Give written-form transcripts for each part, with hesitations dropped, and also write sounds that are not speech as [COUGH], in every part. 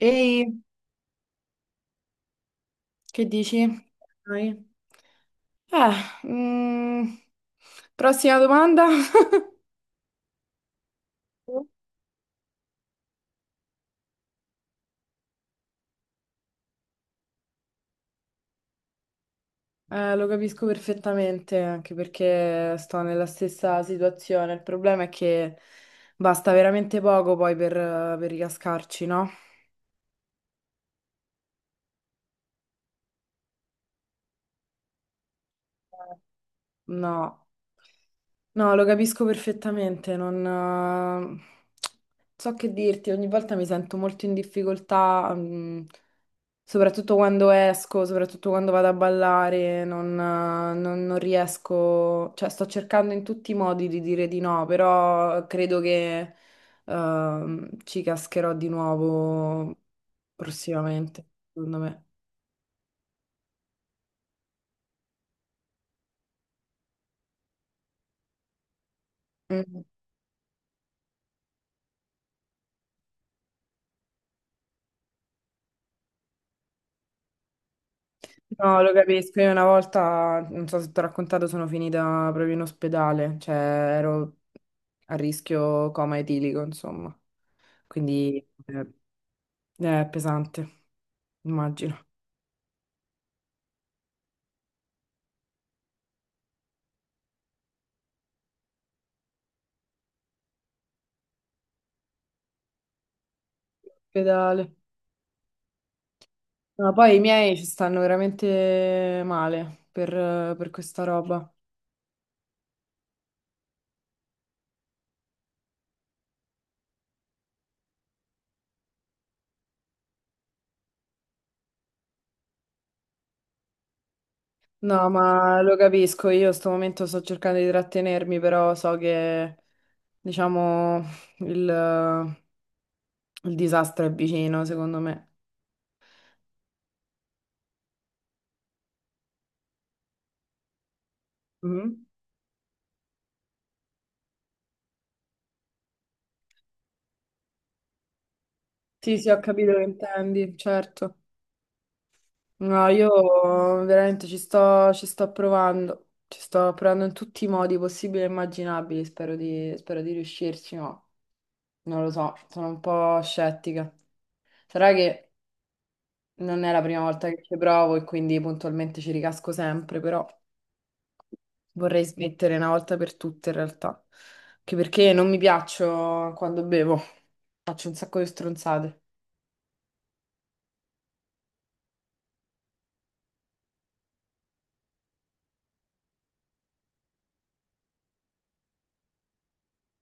Ehi, che dici? Dai. Eh, mm, Prossima domanda? [LAUGHS] Lo capisco perfettamente, anche perché sto nella stessa situazione. Il problema è che basta veramente poco poi per ricascarci, no? No. No, lo capisco perfettamente, non eh, so che dirti, ogni volta mi sento molto in difficoltà, soprattutto quando esco, soprattutto quando vado a ballare, non riesco, cioè sto cercando in tutti i modi di dire di no, però credo che ci cascherò di nuovo prossimamente, secondo me. No, lo capisco. Io una volta, non so se ti ho raccontato, sono finita proprio in ospedale, cioè ero a rischio coma etilico, insomma. Quindi è pesante, immagino. Ospedale. No, poi i miei ci stanno veramente male per, questa roba. No, ma lo capisco, io in sto momento sto cercando di trattenermi, però so che, diciamo, il, il disastro è vicino, secondo me. Mhm. Sì, sì, ho capito che intendi, certo. No, io veramente ci sto provando in tutti i modi possibili e immaginabili, spero di riuscirci, ma non lo so, sono un po' scettica. Sarà che non è la prima volta che ci provo e quindi puntualmente ci ricasco sempre, però vorrei smettere una volta per tutte in realtà, anche perché non mi piaccio quando bevo, faccio un sacco di stronzate.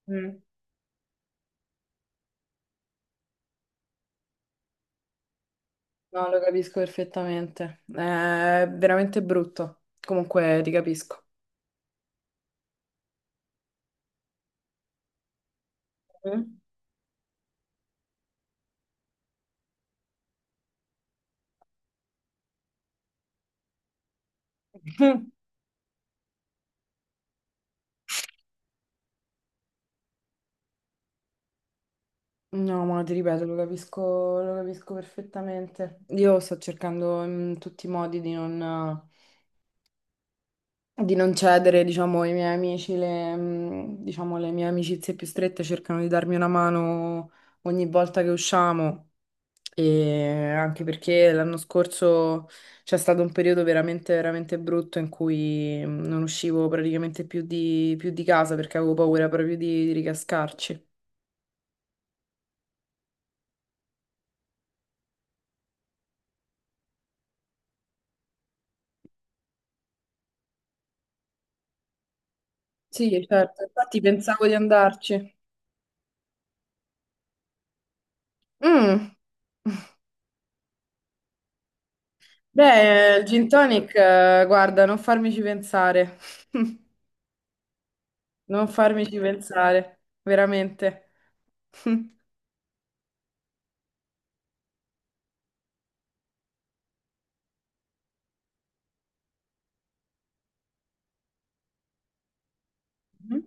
Mm. No, lo capisco perfettamente. È veramente brutto. Comunque ti capisco. Mm. [LAUGHS] No, ma ti ripeto, lo capisco perfettamente. Io sto cercando in tutti i modi di non cedere, diciamo, ai miei amici, diciamo, le mie amicizie più strette cercano di darmi una mano ogni volta che usciamo. E anche perché l'anno scorso c'è stato un periodo veramente, veramente brutto in cui non uscivo praticamente più di casa perché avevo paura proprio di ricascarci. Sì, certo, infatti pensavo di andarci. Mm, Beh, il gin tonic, guarda, non farmici pensare. [LAUGHS] Non farmici pensare, veramente. [LAUGHS] Mhm.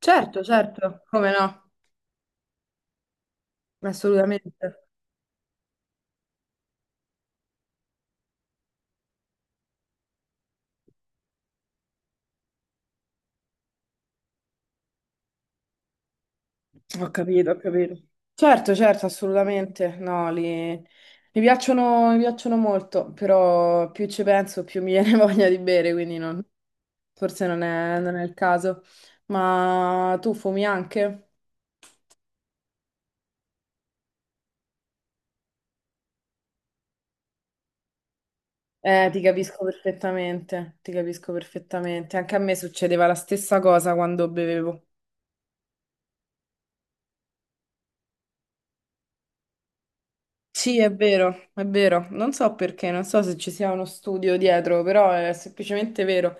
Certo, certo. Come no? Assolutamente. Ho capito, ho capito. Certo, certo, assolutamente. No, mi mi piacciono molto, però più ci penso, più mi viene [LAUGHS] voglia di bere, quindi forse non è il caso. Ma tu fumi anche? Ti capisco perfettamente, ti capisco perfettamente. Anche a me succedeva la stessa cosa quando bevevo. Sì, è vero, è vero. Non so perché, non so se ci sia uno studio dietro, però è semplicemente vero.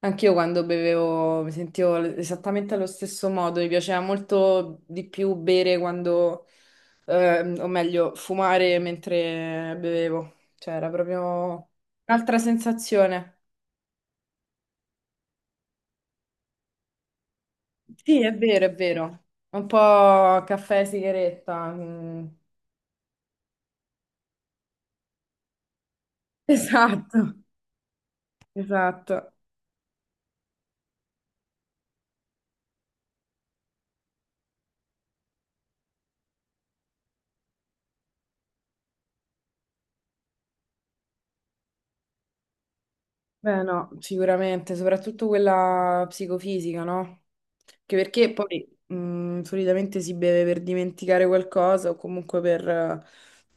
Anch'io quando bevevo mi sentivo esattamente allo stesso modo, mi piaceva molto di più bere quando, o meglio, fumare mentre bevevo. Cioè, era proprio un'altra sensazione. Sì, è vero, è vero. Un po' caffè e sigaretta. Mm. [LAUGHS] Esatto, esatto. Beh, no, sicuramente, soprattutto quella psicofisica, no? Che perché poi solitamente si beve per dimenticare qualcosa o comunque per,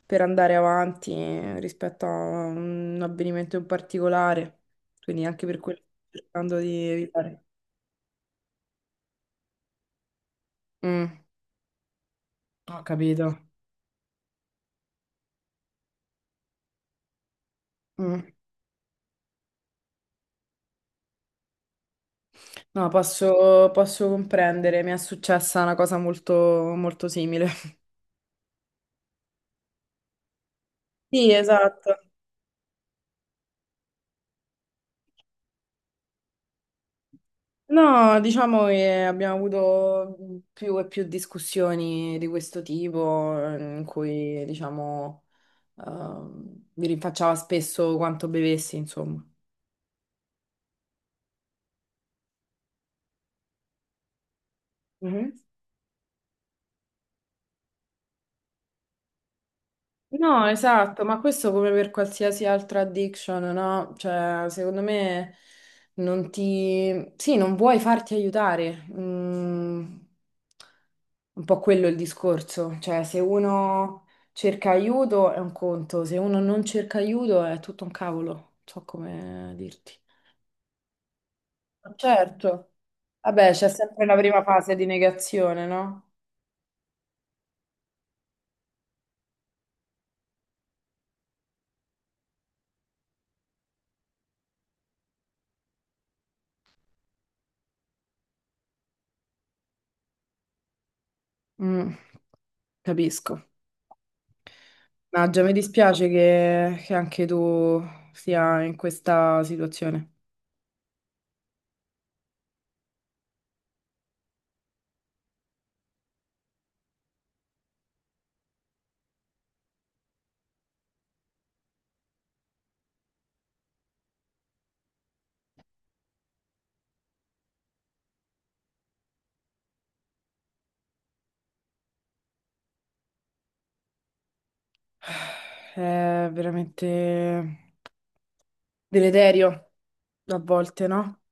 andare avanti rispetto a un avvenimento in particolare, quindi anche per quello sto cercando di evitare. Mm, Ho capito. Mm. No, posso comprendere, mi è successa una cosa molto, molto simile. [LAUGHS] Sì, esatto. No, diciamo che abbiamo avuto più e più discussioni di questo tipo, in cui, diciamo, mi rinfacciava spesso quanto bevessi, insomma. Mhm. No, esatto, ma questo come per qualsiasi altra addiction, no? Cioè, secondo me non ti... Sì, non vuoi farti aiutare. Un po' quello è il discorso. Cioè, se uno cerca aiuto è un conto, se uno non cerca aiuto è tutto un cavolo. So come dirti. Certo. Vabbè, c'è sempre la prima fase di negazione, no? Mm, capisco. No, già mi dispiace che anche tu sia in questa situazione. È veramente deleterio a volte, no?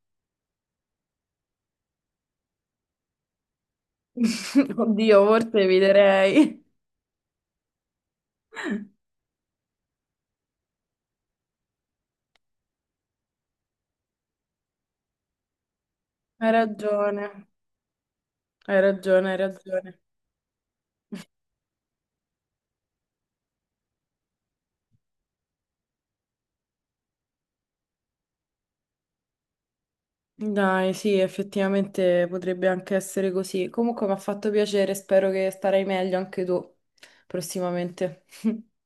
[LAUGHS] Oddio, forse eviterei. Hai ragione, hai ragione, hai ragione. Dai, sì, effettivamente potrebbe anche essere così. Comunque mi ha fatto piacere, spero che starai meglio anche tu prossimamente. [LAUGHS]